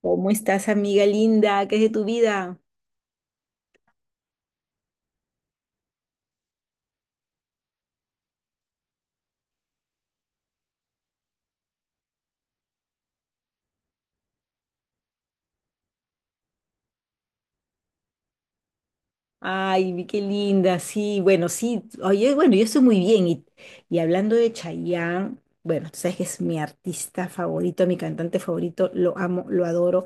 ¿Cómo estás, amiga linda? ¿Qué es de tu vida? Ay, vi qué linda, sí, bueno, sí, oye, bueno, yo estoy muy bien. Y hablando de Chayanne, bueno, tú sabes que es mi artista favorito, mi cantante favorito, lo amo, lo adoro.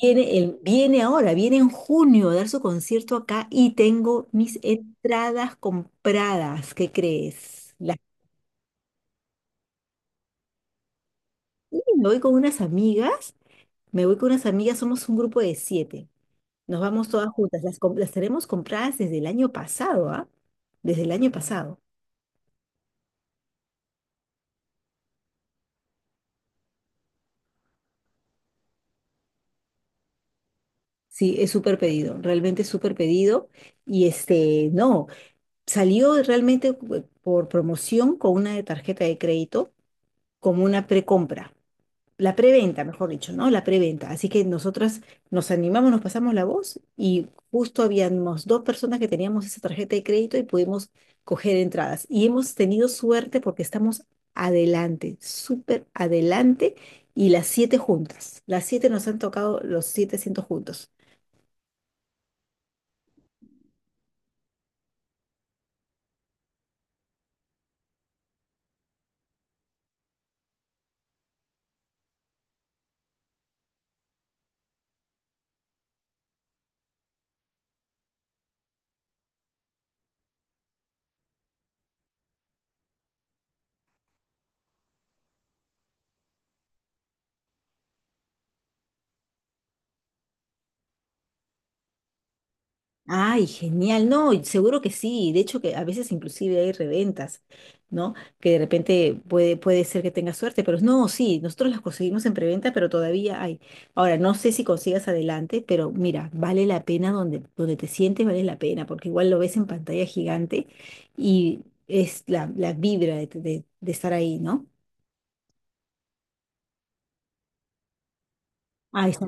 Viene ahora, viene en junio a dar su concierto acá y tengo mis entradas compradas, ¿qué crees? Las Y me voy con unas amigas, somos un grupo de 7. Nos vamos todas juntas. Las tenemos compradas desde el año pasado, ¿ah? Desde el año pasado. Sí, es súper pedido, realmente es súper pedido. Y este, no, salió realmente por promoción con una tarjeta de crédito como una precompra. La preventa, mejor dicho, ¿no? La preventa. Así que nosotras nos animamos, nos pasamos la voz y justo habíamos dos personas que teníamos esa tarjeta de crédito y pudimos coger entradas. Y hemos tenido suerte porque estamos adelante, súper adelante, y las 7 juntas. Las 7 nos han tocado los 7 asientos juntos. Ay, genial, no, y seguro que sí, de hecho que a veces inclusive hay reventas, ¿no? Que de repente puede ser que tengas suerte, pero no, sí, nosotros las conseguimos en preventa, pero todavía hay. Ahora, no sé si consigas adelante, pero mira, vale la pena donde, te sientes, vale la pena, porque igual lo ves en pantalla gigante y es la vibra de estar ahí, ¿no? Ahí está.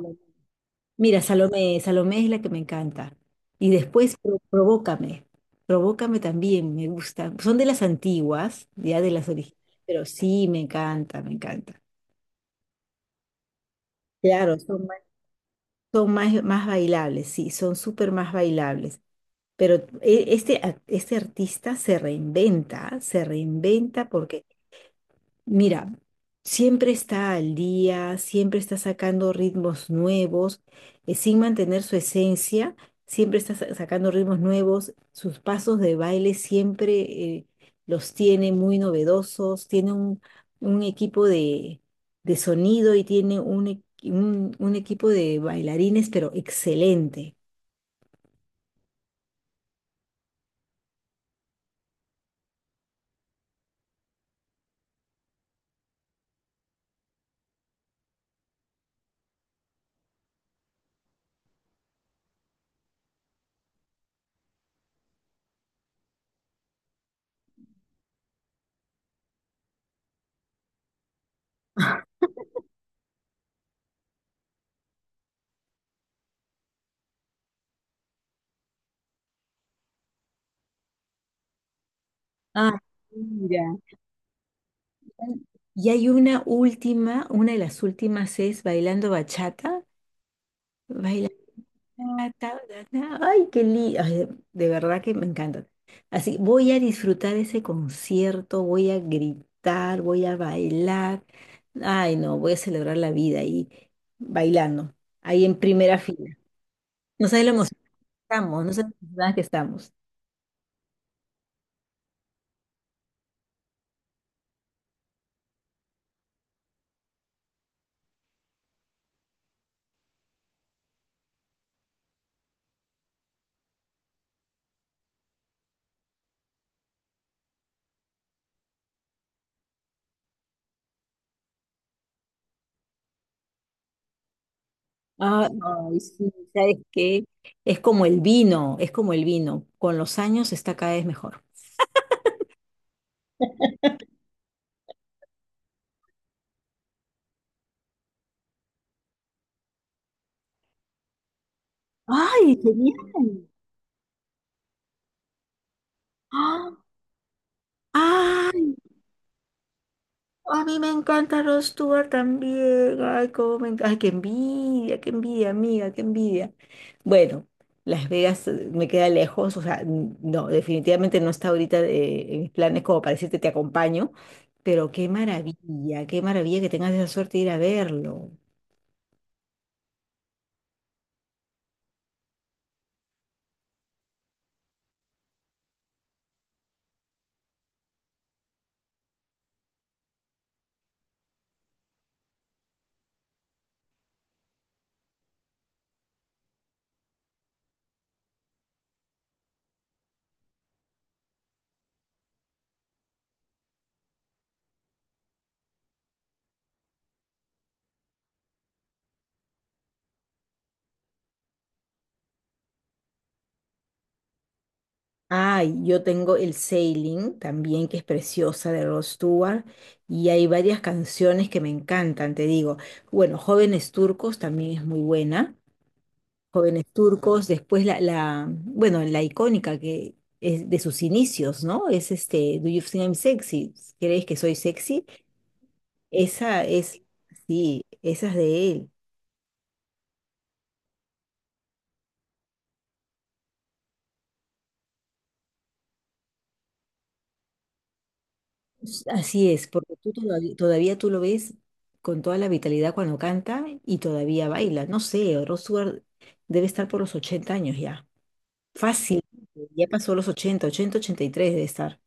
Mira, Salomé, Salomé es la que me encanta. Y después Provócame. Provócame también, me gusta. Son de las antiguas, ya de las originales, pero sí, me encanta, me encanta. Claro, son más, más bailables, sí, son súper más bailables. Pero este artista se reinventa porque mira, siempre está al día, siempre está sacando ritmos nuevos, sin mantener su esencia, siempre está sacando ritmos nuevos, sus pasos de baile siempre los tiene muy novedosos, tiene un equipo de sonido y tiene un, e- un un equipo de bailarines, pero excelente. Ah, mira. Y hay una última, una de las últimas es Bailando Bachata. Bailando Ah, ta, ta, ta. Ay, qué lindo. De verdad que me encanta. Así, voy a disfrutar ese concierto, voy a gritar, voy a bailar. Ay, no, voy a celebrar la vida ahí bailando, ahí en primera fila. No sabes lo emocionados que estamos, no sabes lo emocionadas que estamos. Ah, ay, sí, ¿sabes qué? Es como el vino, es como el vino. Con los años está cada vez mejor. ¡Ay, genial! ¡Ah! ¡Ay! A mí me encanta Rod Stewart también. Ay, cómo me encanta. Ay, qué envidia, amiga, qué envidia. Bueno, Las Vegas me queda lejos, o sea, no, definitivamente no está ahorita en mis planes como para decirte te acompaño, pero qué maravilla que tengas esa suerte de ir a verlo. Ay, yo tengo el Sailing también, que es preciosa de Rod Stewart, y hay varias canciones que me encantan, te digo. Bueno, Jóvenes Turcos también es muy buena. Jóvenes Turcos, después la icónica que es de sus inicios, ¿no? Es este, ¿Do You Think I'm Sexy? ¿Crees que soy sexy? Esa es, sí, esa es de él. Así es, porque tú todavía, todavía tú lo ves con toda la vitalidad cuando canta y todavía baila. No sé, Rod Stewart debe estar por los 80 años ya. Fácil, ya pasó los 80, ochenta 83 debe estar.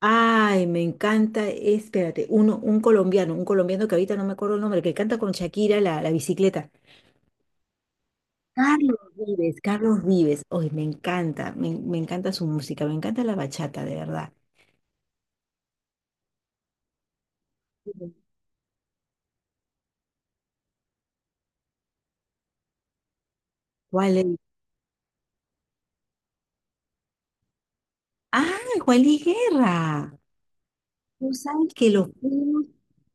Ay, me encanta, espérate, un colombiano, un colombiano que ahorita no me acuerdo el nombre, que canta con Shakira la bicicleta. Carlos Vives, Carlos Vives. Ay, me encanta, me encanta su música, me encanta la bachata, de verdad. ¿Cuál es? Ah, Juan Luis Guerra. Tú sabes que lo fuimos,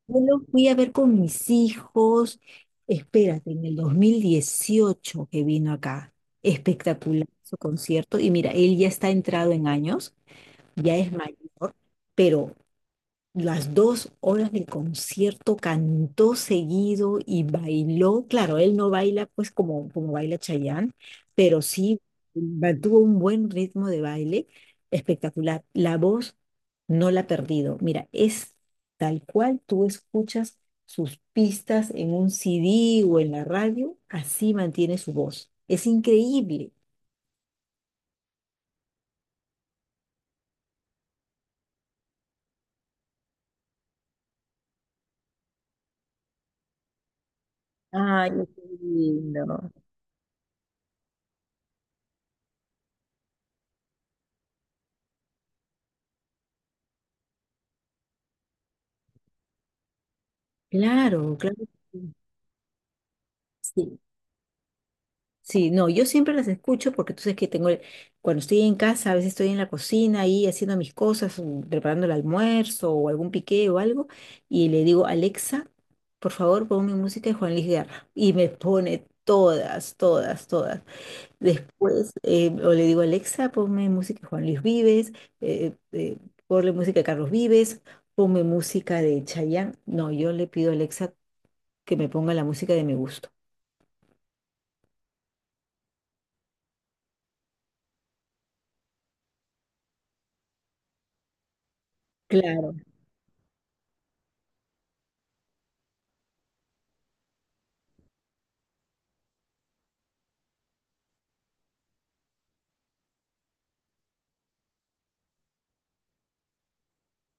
yo lo fui a ver con mis hijos, espérate, en el 2018 que vino acá. Espectacular su concierto. Y mira, él ya está entrado en años, ya es mayor, pero las dos horas del concierto cantó seguido y bailó. Claro, él no baila pues como baila Chayanne, pero sí mantuvo un buen ritmo de baile espectacular. La voz no la ha perdido. Mira, es tal cual tú escuchas sus pistas en un CD o en la radio, así mantiene su voz. Es increíble. Ay, qué lindo. Claro, claro. que Sí. Sí. Sí, no, yo siempre las escucho porque tú sabes que tengo, cuando estoy en casa, a veces estoy en la cocina ahí haciendo mis cosas, preparando el almuerzo o algún piqué o algo, y le digo, Alexa, por favor, ponme música de Juan Luis Guerra. Y me pone todas, todas, todas. Después, o le digo, Alexa, ponme música de Juan Luis Vives, eh, eh, ponle música de Carlos Vives, ponme música de Chayanne. No, yo le pido a Alexa que me ponga la música de mi gusto. Claro,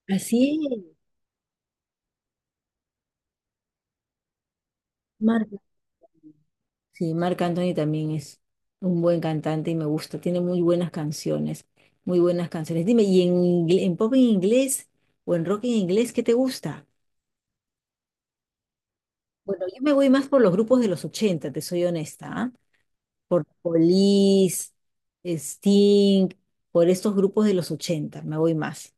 así es. Sí, Marc Anthony también es un buen cantante y me gusta. Tiene muy buenas canciones, muy buenas canciones. Dime, ¿y en pop en inglés o en rock en inglés qué te gusta? Bueno, yo me voy más por los grupos de los 80, te soy honesta, ¿ah? Por Police, Sting, por estos grupos de los 80 me voy más.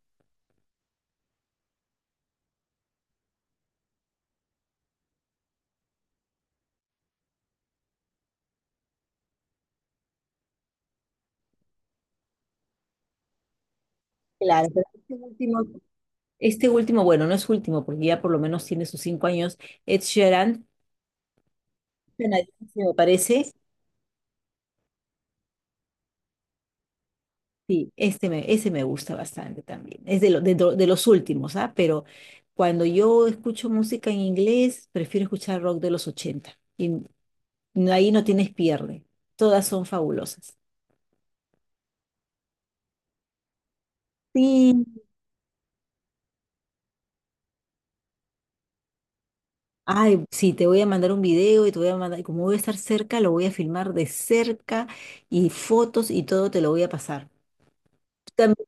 Claro, pero este último, bueno, no es último, porque ya por lo menos tiene sus 5 años, Ed Sheeran, canadiense, me parece. Sí, ese me gusta bastante también. Es de, lo- de, do- de los últimos, ¿ah? Pero cuando yo escucho música en inglés, prefiero escuchar rock de los 80. Y ahí no tienes pierde. Todas son fabulosas. Sí. Ay, sí, te voy a mandar un video y te voy a mandar, y como voy a estar cerca, lo voy a filmar de cerca y fotos y todo te lo voy a pasar. Tú también-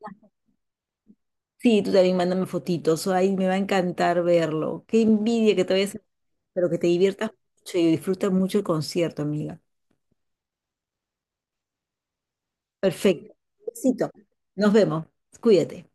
sí, tú también mándame fotitos. Ay, me va a encantar verlo. Qué envidia que te vayas a... Pero que te diviertas mucho y disfrutas mucho el concierto, amiga. Perfecto. Besito. Nos vemos. Cuídate.